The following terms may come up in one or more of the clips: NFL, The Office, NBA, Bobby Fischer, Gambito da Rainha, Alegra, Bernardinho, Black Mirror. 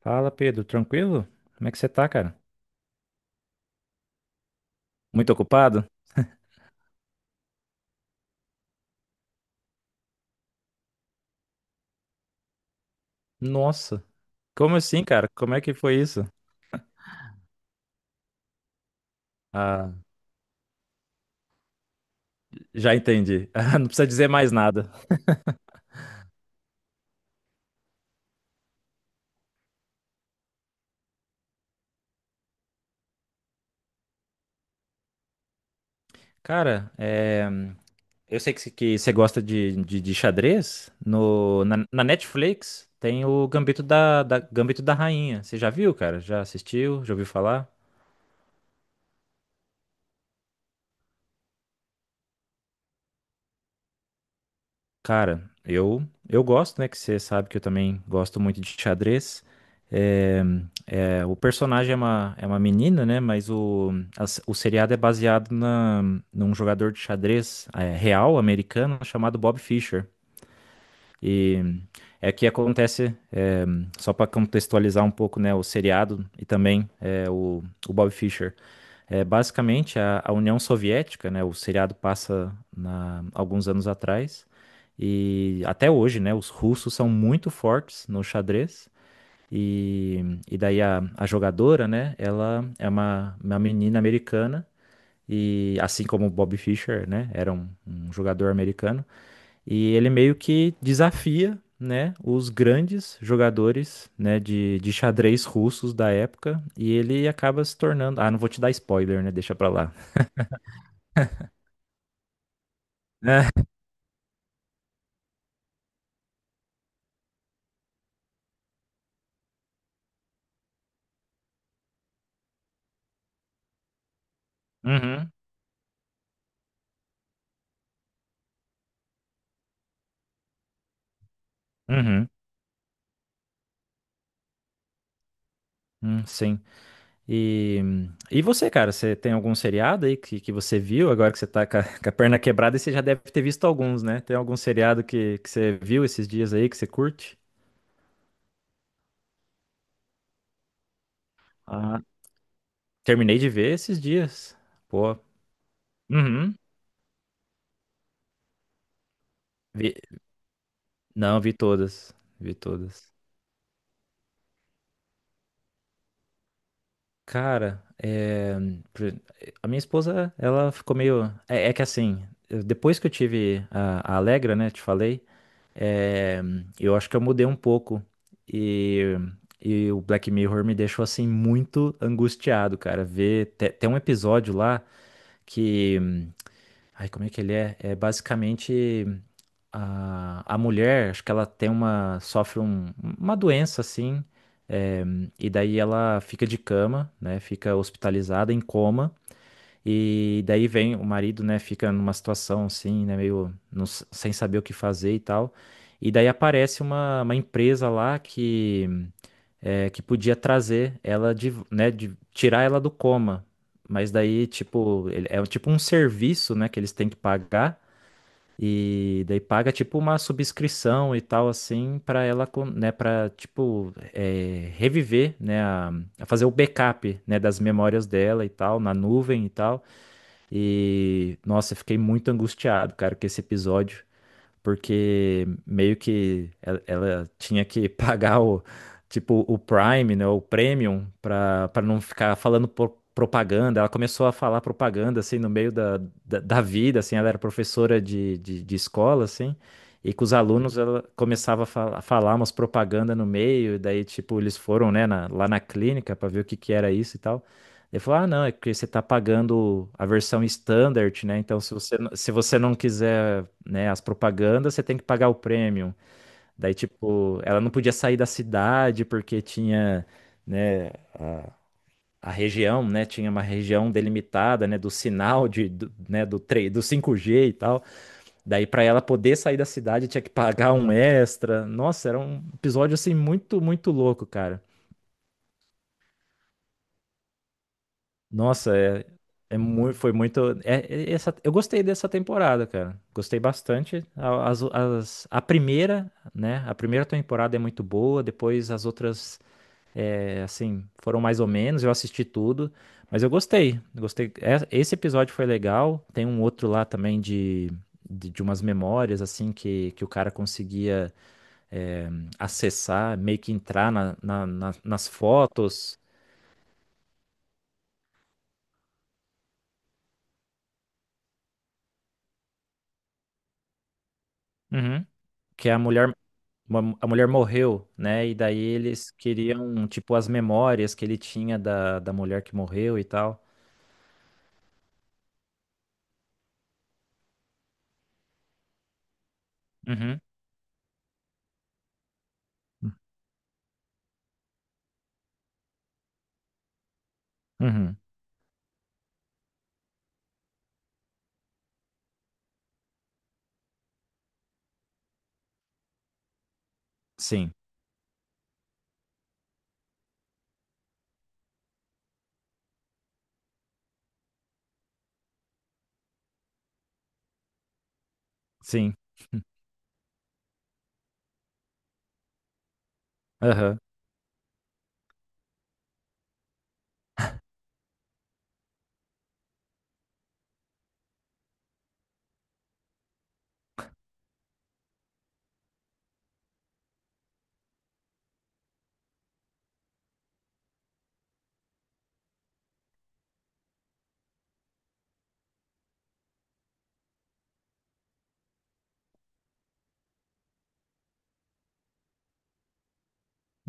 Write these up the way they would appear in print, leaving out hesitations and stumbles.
Fala, Pedro, tranquilo? Como é que você tá, cara? Muito ocupado? Nossa, como assim, cara? Como é que foi isso? Ah, já entendi. Ah, não precisa dizer mais nada. Cara, eu sei que você gosta de xadrez. No, na, na Netflix tem o Gambito da Rainha. Você já viu, cara? Já assistiu? Já ouviu falar? Cara, eu gosto, né? Que você sabe que eu também gosto muito de xadrez. É, o personagem é uma menina, né? Mas o seriado é baseado num jogador de xadrez real americano chamado Bob Fischer. E é que acontece, só para contextualizar um pouco, né? O seriado e também é o Bob Fischer. Basicamente, a União Soviética, né? O seriado alguns anos atrás. E até hoje, né? Os russos são muito fortes no xadrez. E daí a jogadora, né? Ela é uma menina americana. E assim como o Bobby Fischer, né? Era um jogador americano. E ele meio que desafia, né? Os grandes jogadores, né? De xadrez russos da época. E ele acaba se tornando... Ah, não vou te dar spoiler, né? Deixa pra lá. É. Uhum, uhum, sim. E, e você, cara, você tem algum seriado aí que você viu agora que você tá com a perna quebrada e você já deve ter visto alguns, né? Tem algum seriado que você viu esses dias aí que você curte? Ah, terminei de ver esses dias. Pô. Uhum. Vi- Não, vi todas. Vi todas. Cara, pr- a minha esposa, ela ficou meio. É que assim, depois que eu tive a Alegra, né, te falei. É, eu acho que eu mudei um pouco e, e o Black Mirror me deixou assim muito angustiado, cara. Tem um episódio lá que, ai, como é que ele é? É basicamente a mulher, acho que ela tem uma sofre um- uma doença assim, é, e daí ela fica de cama, né? Fica hospitalizada em coma. E daí vem o marido, né, fica numa situação assim, né, meio sem saber o que fazer e tal. E daí aparece uma empresa lá que, que podia trazer ela de tirar ela do coma. Mas daí, tipo, é tipo um serviço, né, que eles têm que pagar. E daí paga tipo uma subscrição e tal assim para ela, para tipo reviver, né, a fazer o backup, né, das memórias dela e tal na nuvem e tal. E, nossa, eu fiquei muito angustiado, cara, com esse episódio, porque meio que ela tinha que pagar o, tipo, o Prime, né, o Premium, pra não ficar propaganda. Ela começou a falar propaganda, assim, no meio da vida, assim, ela era professora de escola, assim, e com os alunos ela falar umas propaganda no meio, e daí, tipo, eles foram, né, lá na clínica pra ver o que que era isso e tal. Ele falou: Ah, não, é porque você está pagando a versão standard, né? Então, se você não quiser, né, as propagandas, você tem que pagar o premium. Daí, tipo, ela não podia sair da cidade porque tinha, né, a região, né? Tinha uma região delimitada, né, do sinal do 3, do cinco g e tal. Daí, para ela poder sair da cidade, tinha que pagar um extra. Nossa, era um episódio assim muito, muito louco, cara. Nossa, foi muito. É essa, eu gostei dessa temporada, cara. Gostei bastante. A primeira, né? A primeira temporada é muito boa. Depois as outras, assim, foram mais ou menos. Eu assisti tudo, mas eu gostei. Gostei. Esse episódio foi legal. Tem um outro lá também de umas memórias, assim, que o cara conseguia, é, acessar, meio que entrar nas fotos. Uhum. Que é a mulher. A mulher morreu, né? E daí eles queriam, tipo, as memórias que ele tinha da mulher que morreu e tal. Uhum. Uhum. Sim, sim. Aham.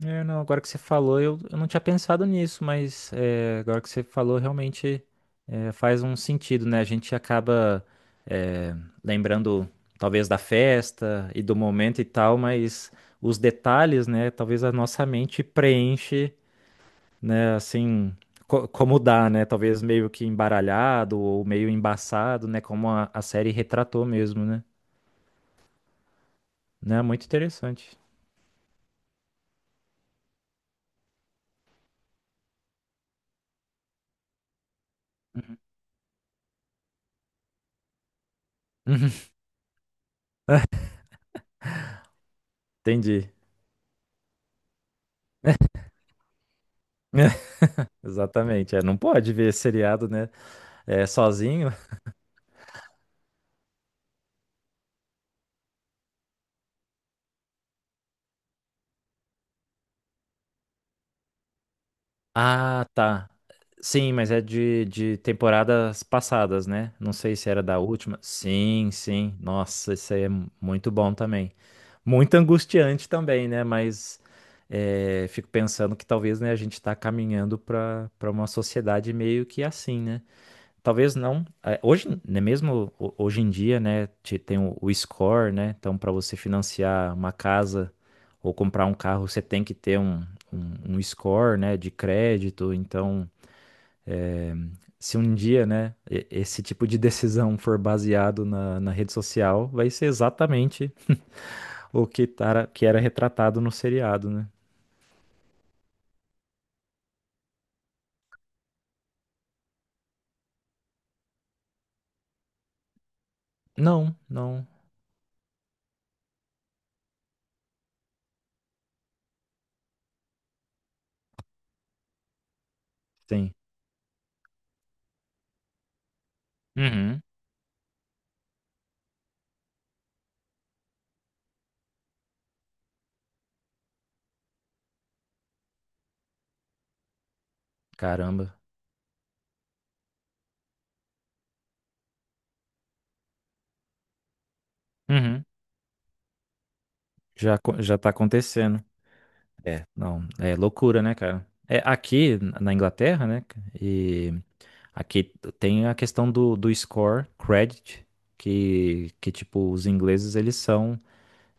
É, não, agora que você falou, eu não tinha pensado nisso, mas agora que você falou, realmente faz um sentido, né? A gente acaba é, lembrando, talvez, da festa e do momento e tal, mas os detalhes, né? Talvez a nossa mente preenche, né? Assim, como dá, né? Talvez meio que embaralhado ou meio embaçado, né? Como a série retratou mesmo, né? Né? Muito interessante. Entendi. Exatamente. É, não pode ver seriado, né? É, sozinho. Ah, tá. Sim, mas é de temporadas passadas, né? Não sei se era da última. Sim, sim. Nossa, isso aí é muito bom também. Muito angustiante também, né? Mas fico pensando que talvez, né, a gente está caminhando para uma sociedade meio que assim, né? Talvez não. Hoje, né, mesmo hoje em dia, né, tem o score, né? Então, para você financiar uma casa ou comprar um carro, você tem que ter um score, né, de crédito. Então, é, se um dia, né, esse tipo de decisão for baseado na rede social, vai ser exatamente o que, tara, que era retratado no seriado, né? Não, não. Tem. Uhum. Caramba. Uhum. Já tá acontecendo. É, não, é loucura, né, cara? É, aqui na Inglaterra, né, e aqui tem a questão do score, credit, que tipo, os ingleses, eles são...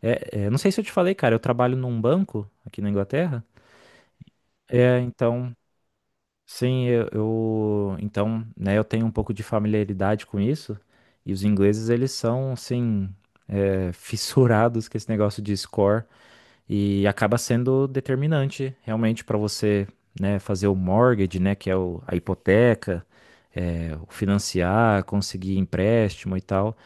Não sei se eu te falei, cara, eu trabalho num banco aqui na Inglaterra, então. Sim, então, né, eu tenho um pouco de familiaridade com isso, e os ingleses eles são assim fissurados com esse negócio de score. E acaba sendo determinante realmente para você, né, fazer o mortgage, né, que é a hipoteca, o financiar, conseguir empréstimo e tal.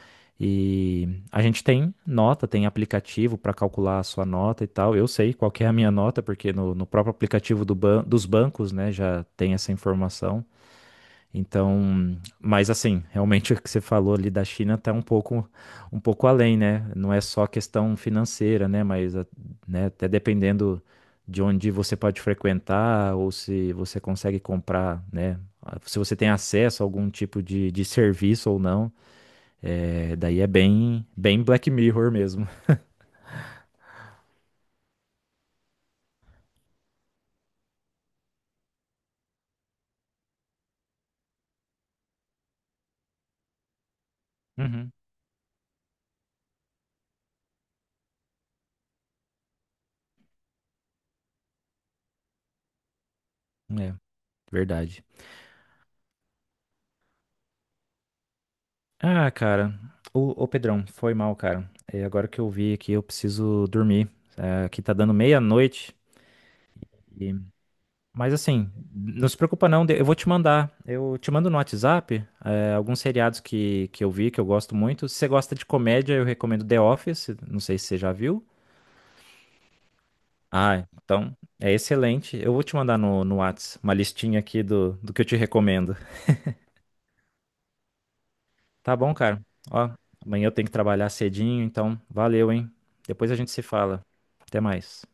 E a gente tem nota, tem aplicativo para calcular a sua nota e tal. Eu sei qual que é a minha nota, porque no próprio aplicativo dos bancos, né, já tem essa informação. Então, mas assim, realmente o que você falou ali da China está um pouco além, né? Não é só questão financeira, né? Mas, né, até dependendo de onde você pode frequentar ou se você consegue comprar, né? Ah, se você tem acesso a algum tipo de serviço ou não, daí é bem, bem Black Mirror mesmo. Uhum. É, verdade. Ah, cara, ô Pedrão, foi mal, cara. É, agora que eu vi aqui, eu preciso dormir. É, aqui tá dando meia-noite. E- Mas assim, não se preocupa não, eu vou te mandar. Eu te mando no WhatsApp, alguns seriados que eu vi, que eu gosto muito. Se você gosta de comédia, eu recomendo The Office, não sei se você já viu. Ah, então é excelente. Eu vou te mandar no Whats uma listinha aqui do que eu te recomendo. Tá bom, cara? Ó, amanhã eu tenho que trabalhar cedinho, então valeu, hein? Depois a gente se fala. Até mais.